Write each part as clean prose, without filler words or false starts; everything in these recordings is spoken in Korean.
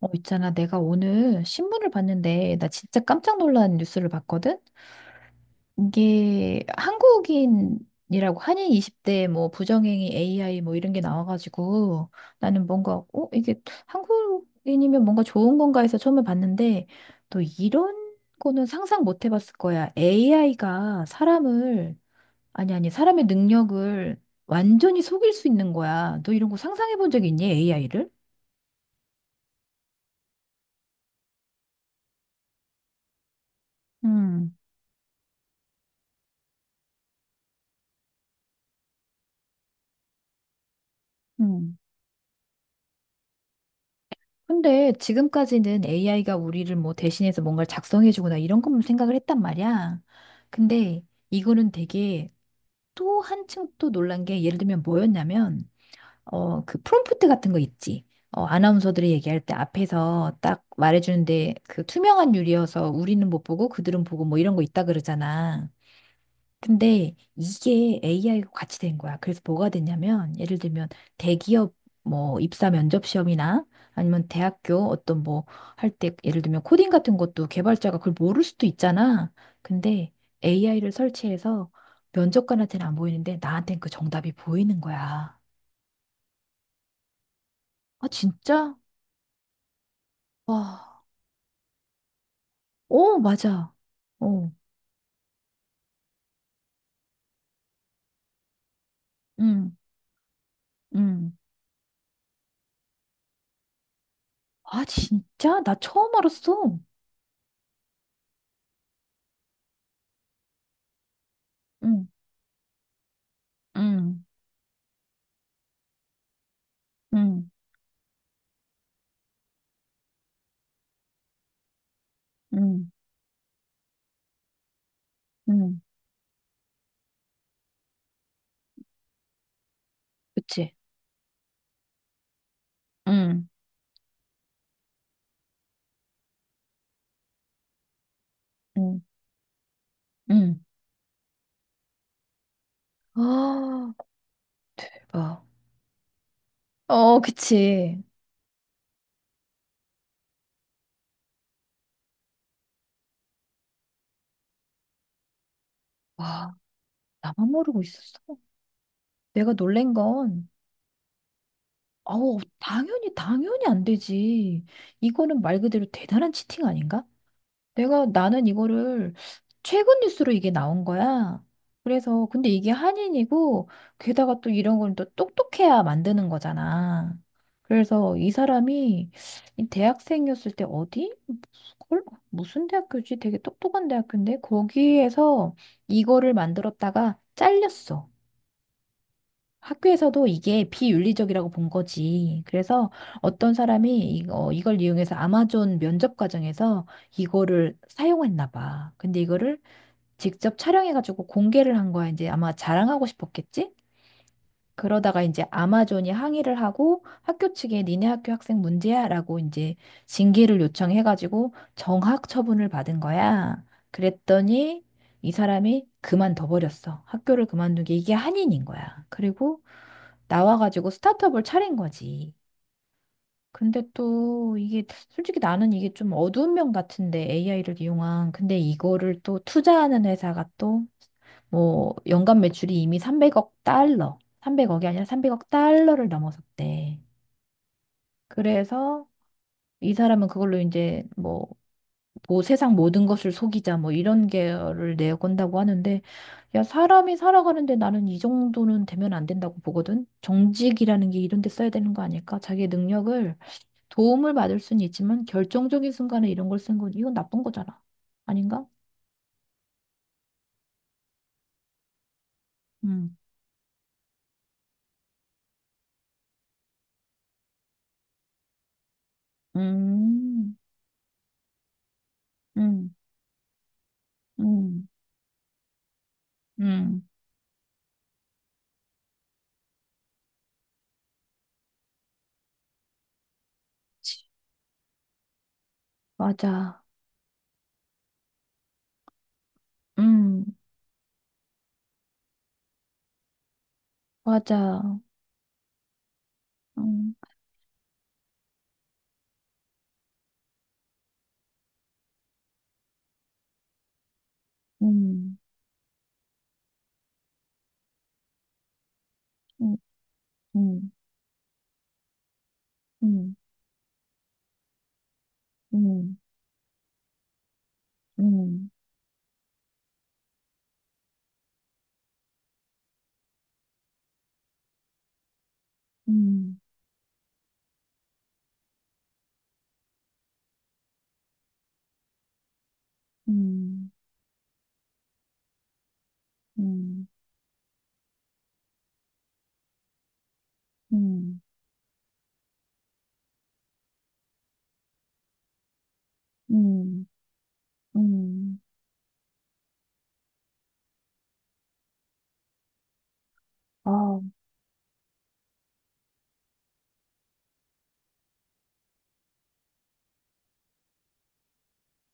있잖아. 내가 오늘 신문을 봤는데, 나 진짜 깜짝 놀란 뉴스를 봤거든? 이게 한국인이라고 한인 20대 뭐 부정행위 AI 뭐 이런 게 나와가지고 나는 뭔가, 이게 한국인이면 뭔가 좋은 건가 해서 처음에 봤는데 또 이런 거는 상상 못 해봤을 거야. AI가 사람을, 아니, 아니, 사람의 능력을 완전히 속일 수 있는 거야. 너 이런 거 상상해 본 적 있니? AI를? 음, 음. 근데 지금까지는 AI가 우리를 뭐 대신해서 뭔가를 작성해주거나 이런 것만 생각을 했단 말이야. 근데 이거는 되게 또 한층 또 놀란 게 예를 들면 뭐였냐면 그 프롬프트 같은 거 있지. 아나운서들이 얘기할 때 앞에서 딱 말해주는데 그 투명한 유리여서 우리는 못 보고 그들은 보고 뭐 이런 거 있다 그러잖아. 근데 이게 AI가 같이 된 거야. 그래서 뭐가 됐냐면, 예를 들면 대기업 뭐 입사 면접 시험이나 아니면 대학교 어떤 뭐 할 때 예를 들면 코딩 같은 것도 개발자가 그걸 모를 수도 있잖아. 근데 AI를 설치해서 면접관한테는 안 보이는데 나한테는 그 정답이 보이는 거야. 아, 진짜? 와, 어, 맞아. 어, 응, 응. 아, 진짜? 나 처음 알았어. 응, 응, 응, 응, 응. 그치? 응, 응, 응. 아, 대박. 어, 그치. 와, 나만 모르고 있었어. 내가 놀란 건, 아우, 당연히, 당연히 안 되지. 이거는 말 그대로 대단한 치팅 아닌가? 내가 나는 이거를 최근 뉴스로 이게 나온 거야. 그래서 근데 이게 한인이고 게다가 또 이런 건 또 똑똑해야 만드는 거잖아. 그래서 이 사람이 이 대학생이었을 때 어디? 헐? 무슨 대학교지? 되게 똑똑한 대학교인데 거기에서 이거를 만들었다가 잘렸어. 학교에서도 이게 비윤리적이라고 본 거지. 그래서 어떤 사람이 이걸 이용해서 아마존 면접 과정에서 이거를 사용했나 봐. 근데 이거를 직접 촬영해가지고 공개를 한 거야. 이제 아마 자랑하고 싶었겠지? 그러다가 이제 아마존이 항의를 하고 학교 측에 니네 학교 학생 문제야라고 이제 징계를 요청해가지고 정학 처분을 받은 거야. 그랬더니 이 사람이 그만둬 버렸어. 학교를 그만두게 이게 한인인 거야. 그리고 나와가지고 스타트업을 차린 거지. 근데 또 이게 솔직히 나는 이게 좀 어두운 면 같은데 AI를 이용한 근데 이거를 또 투자하는 회사가 또 뭐 연간 매출이 이미 300억 달러, 300억이 아니라 300억 달러를 넘어섰대. 그래서 이 사람은 그걸로 이제 뭐 세상 모든 것을 속이자 뭐 이런 계열을 내건다고 하는데 야 사람이 살아가는데 나는 이 정도는 되면 안 된다고 보거든. 정직이라는 게 이런 데 써야 되는 거 아닐까? 자기의 능력을 도움을 받을 수는 있지만 결정적인 순간에 이런 걸 쓴 건 이건 나쁜 거잖아. 아닌가? 음. 음. 음. 음. 음. 맞아. 음. 맞아. 음. 음. 음. 음. 음. 음. 음. 음. 음. 음, 음, 음, 음. 아,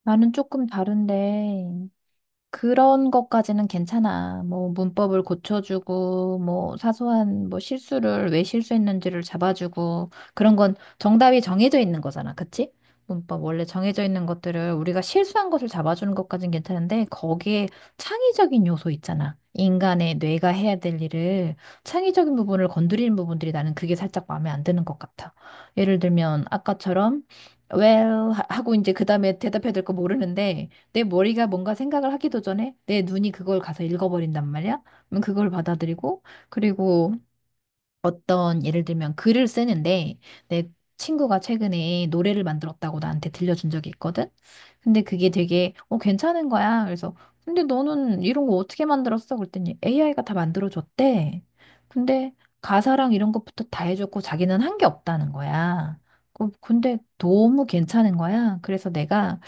나는 조금 다른데, 그런 것까지는 괜찮아. 뭐 문법을 고쳐주고 뭐 사소한 뭐 실수를 왜 실수했는지를 잡아주고 그런 건 정답이 정해져 있는 거잖아. 그치? 문법 원래 정해져 있는 것들을 우리가 실수한 것을 잡아주는 것까진 괜찮은데 거기에 창의적인 요소 있잖아. 인간의 뇌가 해야 될 일을 창의적인 부분을 건드리는 부분들이 나는 그게 살짝 마음에 안 드는 것 같아. 예를 들면 아까처럼 well 하고 이제 그다음에 대답해야 될 거 모르는데 내 머리가 뭔가 생각을 하기도 전에 내 눈이 그걸 가서 읽어버린단 말이야. 그럼 그걸 받아들이고, 그리고 어떤 예를 들면 글을 쓰는데 내 친구가 최근에 노래를 만들었다고 나한테 들려준 적이 있거든. 근데 그게 되게 괜찮은 거야. 그래서 근데 너는 이런 거 어떻게 만들었어? 그랬더니 AI가 다 만들어줬대. 근데 가사랑 이런 것부터 다 해줬고 자기는 한 게 없다는 거야. 근데 너무 괜찮은 거야. 그래서 내가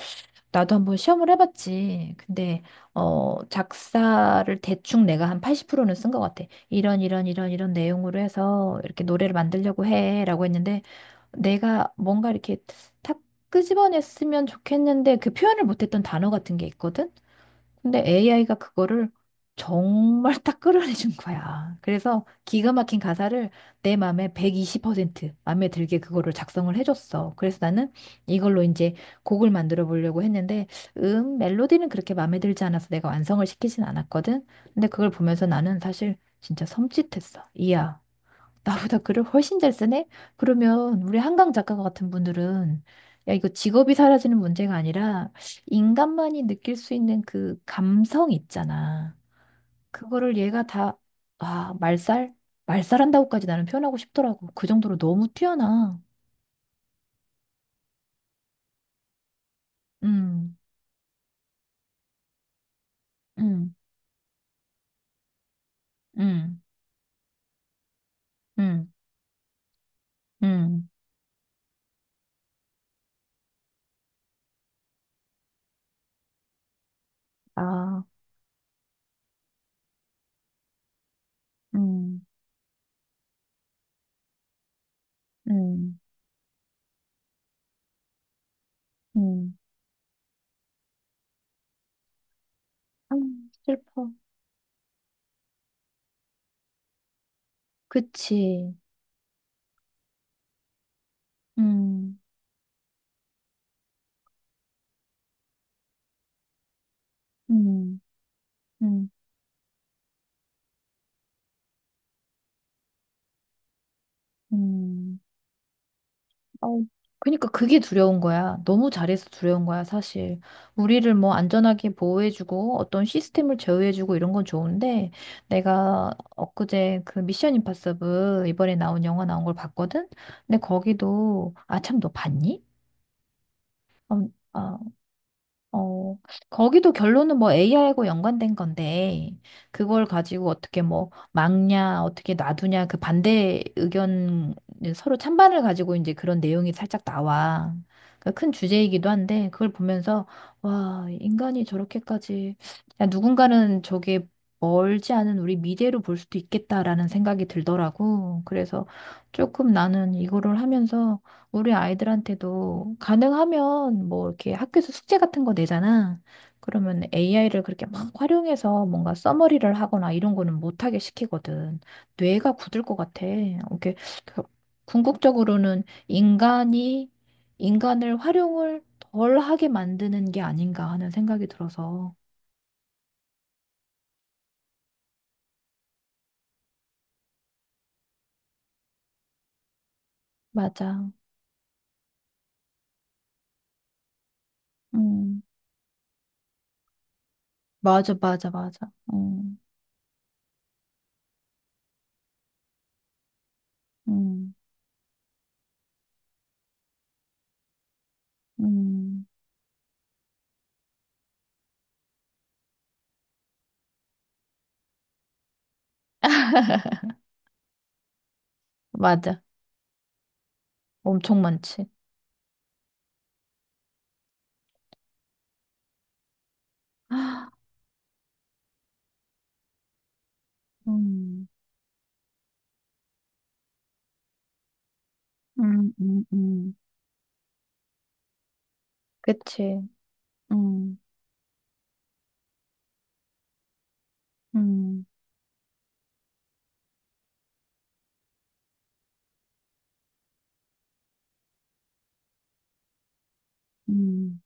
나도 한번 시험을 해봤지. 근데, 작사를 대충 내가 한 80%는 쓴 것 같아. 이런 내용으로 해서 이렇게 노래를 만들려고 해. 라고 했는데, 내가 뭔가 이렇게 탁 끄집어냈으면 좋겠는데, 그 표현을 못했던 단어 같은 게 있거든? 근데 AI가 그거를 정말 딱 끌어내준 거야. 그래서 기가 막힌 가사를 내 마음에 120% 마음에 들게 그거를 작성을 해줬어. 그래서 나는 이걸로 이제 곡을 만들어 보려고 했는데, 멜로디는 그렇게 마음에 들지 않아서 내가 완성을 시키진 않았거든. 근데 그걸 보면서 나는 사실 진짜 섬찟했어. 이야, 나보다 글을 훨씬 잘 쓰네? 그러면 우리 한강 작가 같은 분들은 야, 이거 직업이 사라지는 문제가 아니라 인간만이 느낄 수 있는 그 감성 있잖아. 그거를 얘가 다, 아, 말살? 말살한다고까지 나는 표현하고 싶더라고. 그 정도로 너무 뛰어나. 음, 음, 음, 음, 음. 아, 음, 음, 음. 아, 슬퍼. 그치. 음, 음, 음, 음. 어, 그러니까 그게 두려운 거야. 너무 잘해서 두려운 거야, 사실. 우리를 뭐 안전하게 보호해주고 어떤 시스템을 제어해주고 이런 건 좋은데 내가 엊그제 그 미션 임파서블 이번에 나온 영화 나온 걸 봤거든? 근데 거기도 아, 참, 너 봤니? 어, 아, 어, 거기도 결론은 뭐 AI하고 연관된 건데, 그걸 가지고 어떻게 뭐 막냐, 어떻게 놔두냐, 그 반대 의견, 예, 서로 찬반을 가지고 이제 그런 내용이 살짝 나와. 그큰 주제이기도 한데, 그걸 보면서, 와, 인간이 저렇게까지, 야, 누군가는 저게 멀지 않은 우리 미래로 볼 수도 있겠다라는 생각이 들더라고. 그래서 조금 나는 이거를 하면서 우리 아이들한테도 가능하면 뭐 이렇게 학교에서 숙제 같은 거 내잖아. 그러면 AI를 그렇게 막 활용해서 뭔가 써머리를 하거나 이런 거는 못하게 시키거든. 뇌가 굳을 것 같아. 이렇게 그- 궁극적으로는 인간이 인간을 활용을 덜 하게 만드는 게 아닌가 하는 생각이 들어서. 맞아. 음. 맞아, 맞아, 맞아. 음. 음. 음. 맞아. 엄청 많지. 음, 음, 음, 음. 그치. 음, 음, 음.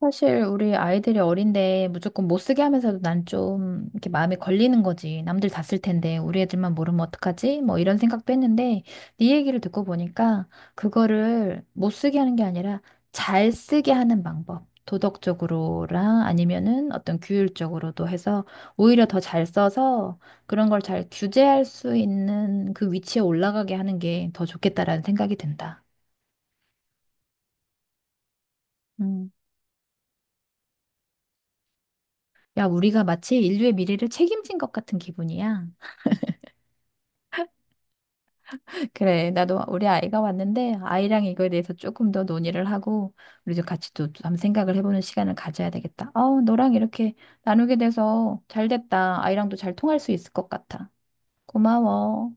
사실 우리 아이들이 어린데 무조건 못 쓰게 하면서도 난 좀 이렇게 마음에 걸리는 거지. 남들 다 쓸 텐데 우리 애들만 모르면 어떡하지? 뭐 이런 생각도 했는데 네 얘기를 듣고 보니까 그거를 못 쓰게 하는 게 아니라 잘 쓰게 하는 방법. 도덕적으로랑 아니면은 어떤 규율적으로도 해서 오히려 더 잘 써서 그런 걸 잘 규제할 수 있는 그 위치에 올라가게 하는 게 더 좋겠다라는 생각이 든다. 음. 야, 우리가 마치 인류의 미래를 책임진 것 같은 기분이야. 그래, 나도 우리 아이가 왔는데 아이랑 이거에 대해서 조금 더 논의를 하고 우리도 같이 또 한번 생각을 해보는 시간을 가져야 되겠다. 아우, 너랑 이렇게 나누게 돼서 잘 됐다. 아이랑도 잘 통할 수 있을 것 같아. 고마워.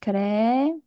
그래.